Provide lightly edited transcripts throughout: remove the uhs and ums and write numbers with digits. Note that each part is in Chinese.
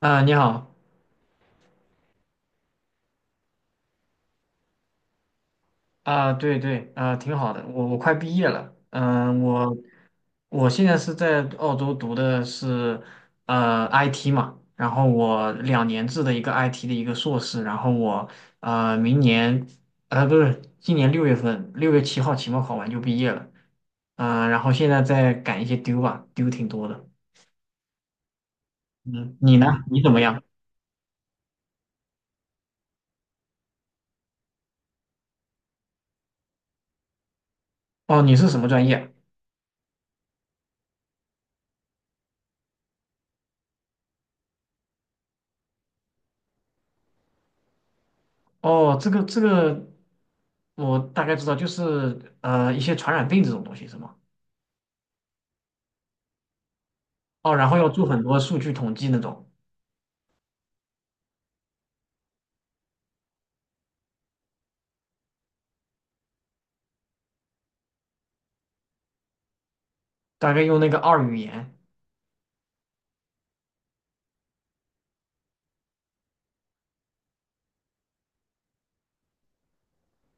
啊，你好啊，对对啊，挺好的。我快毕业了，嗯，我现在是在澳洲读的是IT 嘛，然后我两年制的一个 IT 的一个硕士，然后我明年不是今年6月份6月7号期末考完就毕业了，嗯，然后现在在赶一些丢吧，丢挺多的。嗯，你呢？你怎么样？哦，你是什么专业？哦，这个我大概知道，就是一些传染病这种东西是吗？哦，然后要做很多数据统计那种，大概用那个二语言。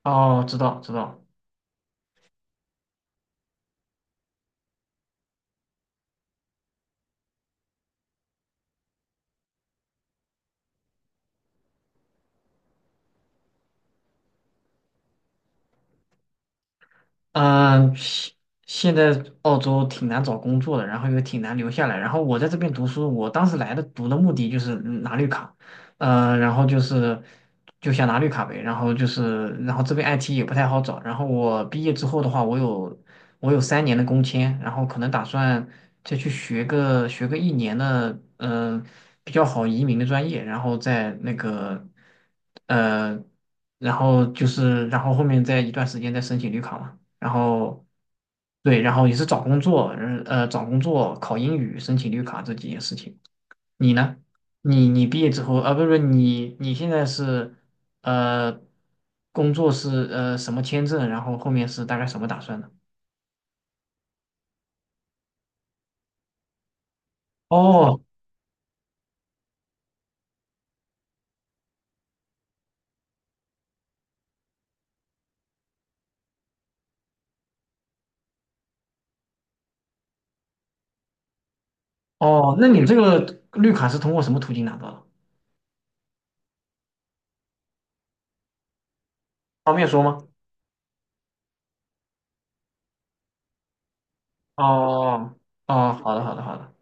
哦，知道知道。嗯，在澳洲挺难找工作的，然后又挺难留下来。然后我在这边读书，我当时来的读的目的就是拿绿卡，然后就是就想拿绿卡呗，然后就是，然后这边 IT 也不太好找。然后我毕业之后的话，我有3年的工签，然后可能打算再去学个一年的，嗯、呃比较好移民的专业，然后再那个，呃，然后就是然后后面再一段时间再申请绿卡嘛。然后对，然后也是找工作，找工作、考英语、申请绿卡这几件事情。你呢？你毕业之后啊，不是不是，你现在是呃，工作是什么签证？然后后面是大概什么打算呢？哦哦，那你这个绿卡是通过什么途径拿到的？方便说吗？哦哦，好的好的好的。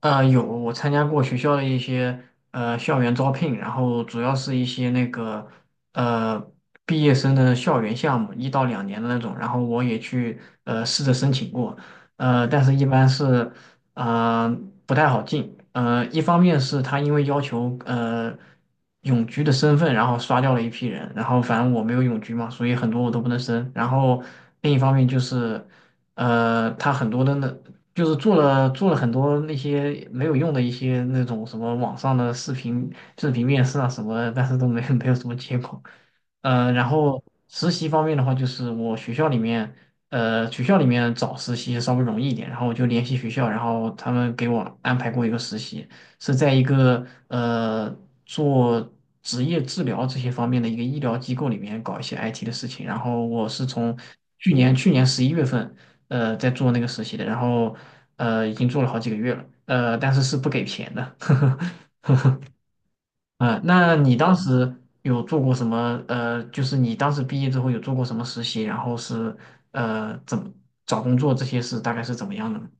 有我参加过学校的一些校园招聘，然后主要是一些那个呃毕业生的校园项目，1到2年的那种，然后我也去试着申请过，但是一般是呃不太好进，一方面是他因为要求永居的身份，然后刷掉了一批人，然后反正我没有永居嘛，所以很多我都不能申，然后另一方面就是。他很多的那就是做了很多那些没有用的一些那种什么网上的视频面试啊什么的，但是都没有 没有什么结果。然后实习方面的话，就是我学校里面，学校里面找实习稍微容易一点，然后我就联系学校，然后他们给我安排过一个实习，是在一个做职业治疗这些方面的一个医疗机构里面搞一些 IT 的事情，然后我是从去年11月份。在做那个实习的，然后已经做了好几个月了，但是是不给钱的，啊、那你当时有做过什么？就是你当时毕业之后有做过什么实习？然后是怎么找工作这些事大概是怎么样的呢？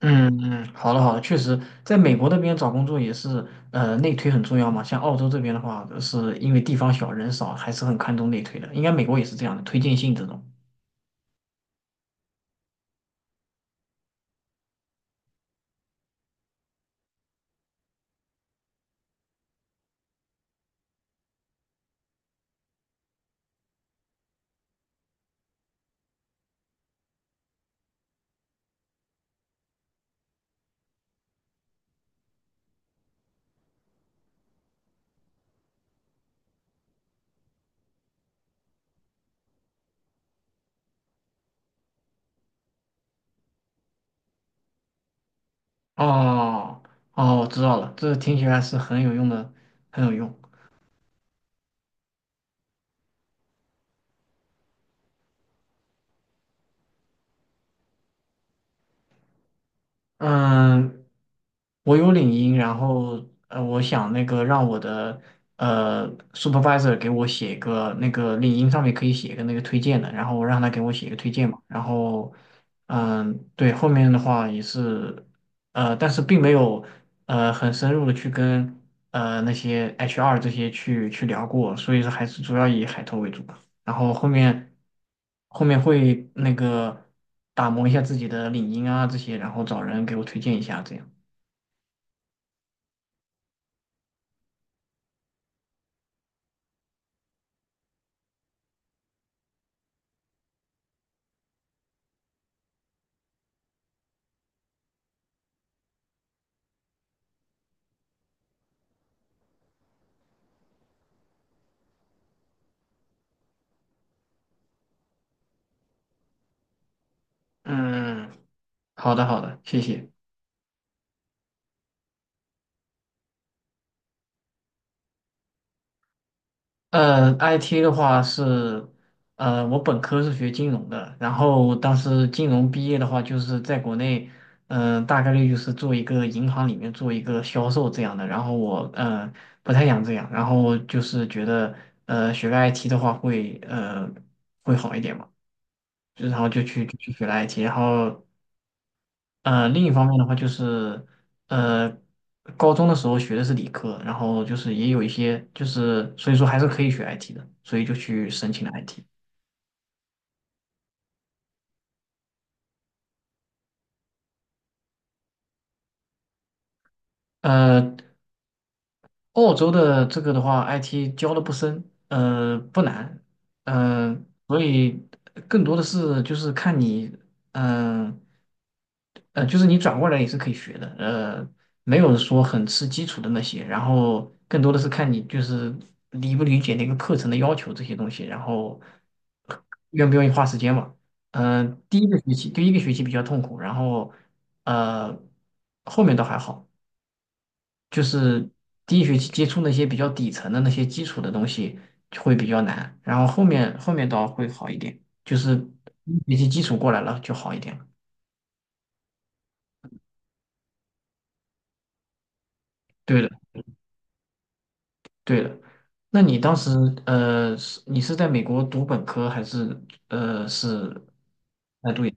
嗯嗯，好的好的，确实，在美国那边找工作也是，内推很重要嘛。像澳洲这边的话，是因为地方小人少，还是很看重内推的。应该美国也是这样的，推荐信这种。哦哦，我知道了，这听起来是很有用的，很有用。嗯，我有领英，然后我想那个让我的supervisor 给我写一个那个领英上面可以写一个那个推荐的，然后我让他给我写一个推荐嘛。然后嗯，对，后面的话也是，但是并没有很深入的去跟那些 HR 这些去聊过，所以说还是主要以海投为主。然后后面会那个打磨一下自己的领英啊这些，然后找人给我推荐一下这样。嗯，好的好的，谢谢。IT 的话是，我本科是学金融的，然后当时金融毕业的话，就是在国内，大概率就是做一个银行里面做一个销售这样的。然后我，不太想这样，然后就是觉得，学个 IT 的话会，会好一点嘛。就然后就去学了 IT，然后另一方面的话就是呃高中的时候学的是理科，然后就是也有一些就是所以说还是可以学 IT 的，所以就去申请了 IT。呃，澳洲的这个的话，IT 教的不深，不难，所以更多的是就是看你，嗯、就是你转过来也是可以学的，没有说很吃基础的那些，然后更多的是看你就是理不理解那个课程的要求这些东西，然后愿不愿意花时间嘛。第一个学期，第一个学期比较痛苦，然后呃，后面倒还好。就是第一学期接触那些比较底层的那些基础的东西就会比较难，然后后面倒会好一点，就是第一学期基础过来了就好一点了。对的，对的。那你当时是你是在美国读本科还是是在读研？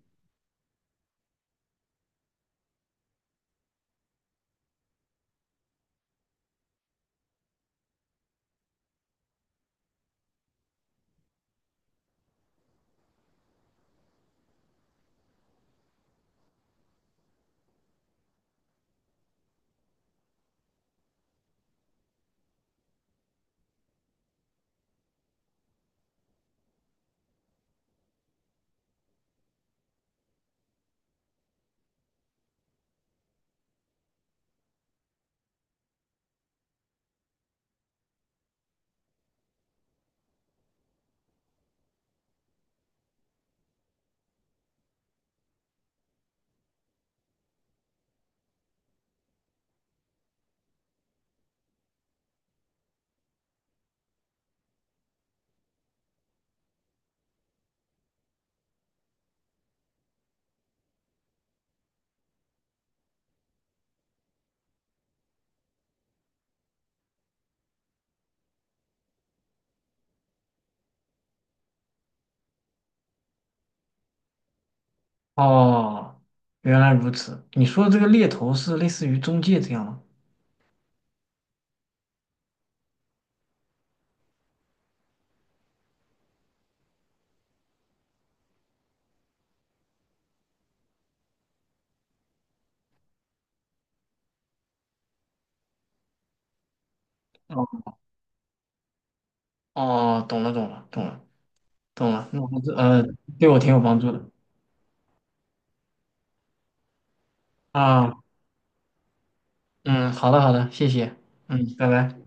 哦，原来如此。你说的这个猎头是类似于中介这样吗？哦，哦，懂了，懂了，懂了，懂了。那我还是对我挺有帮助的啊。嗯，好的好的，谢谢，嗯，拜拜。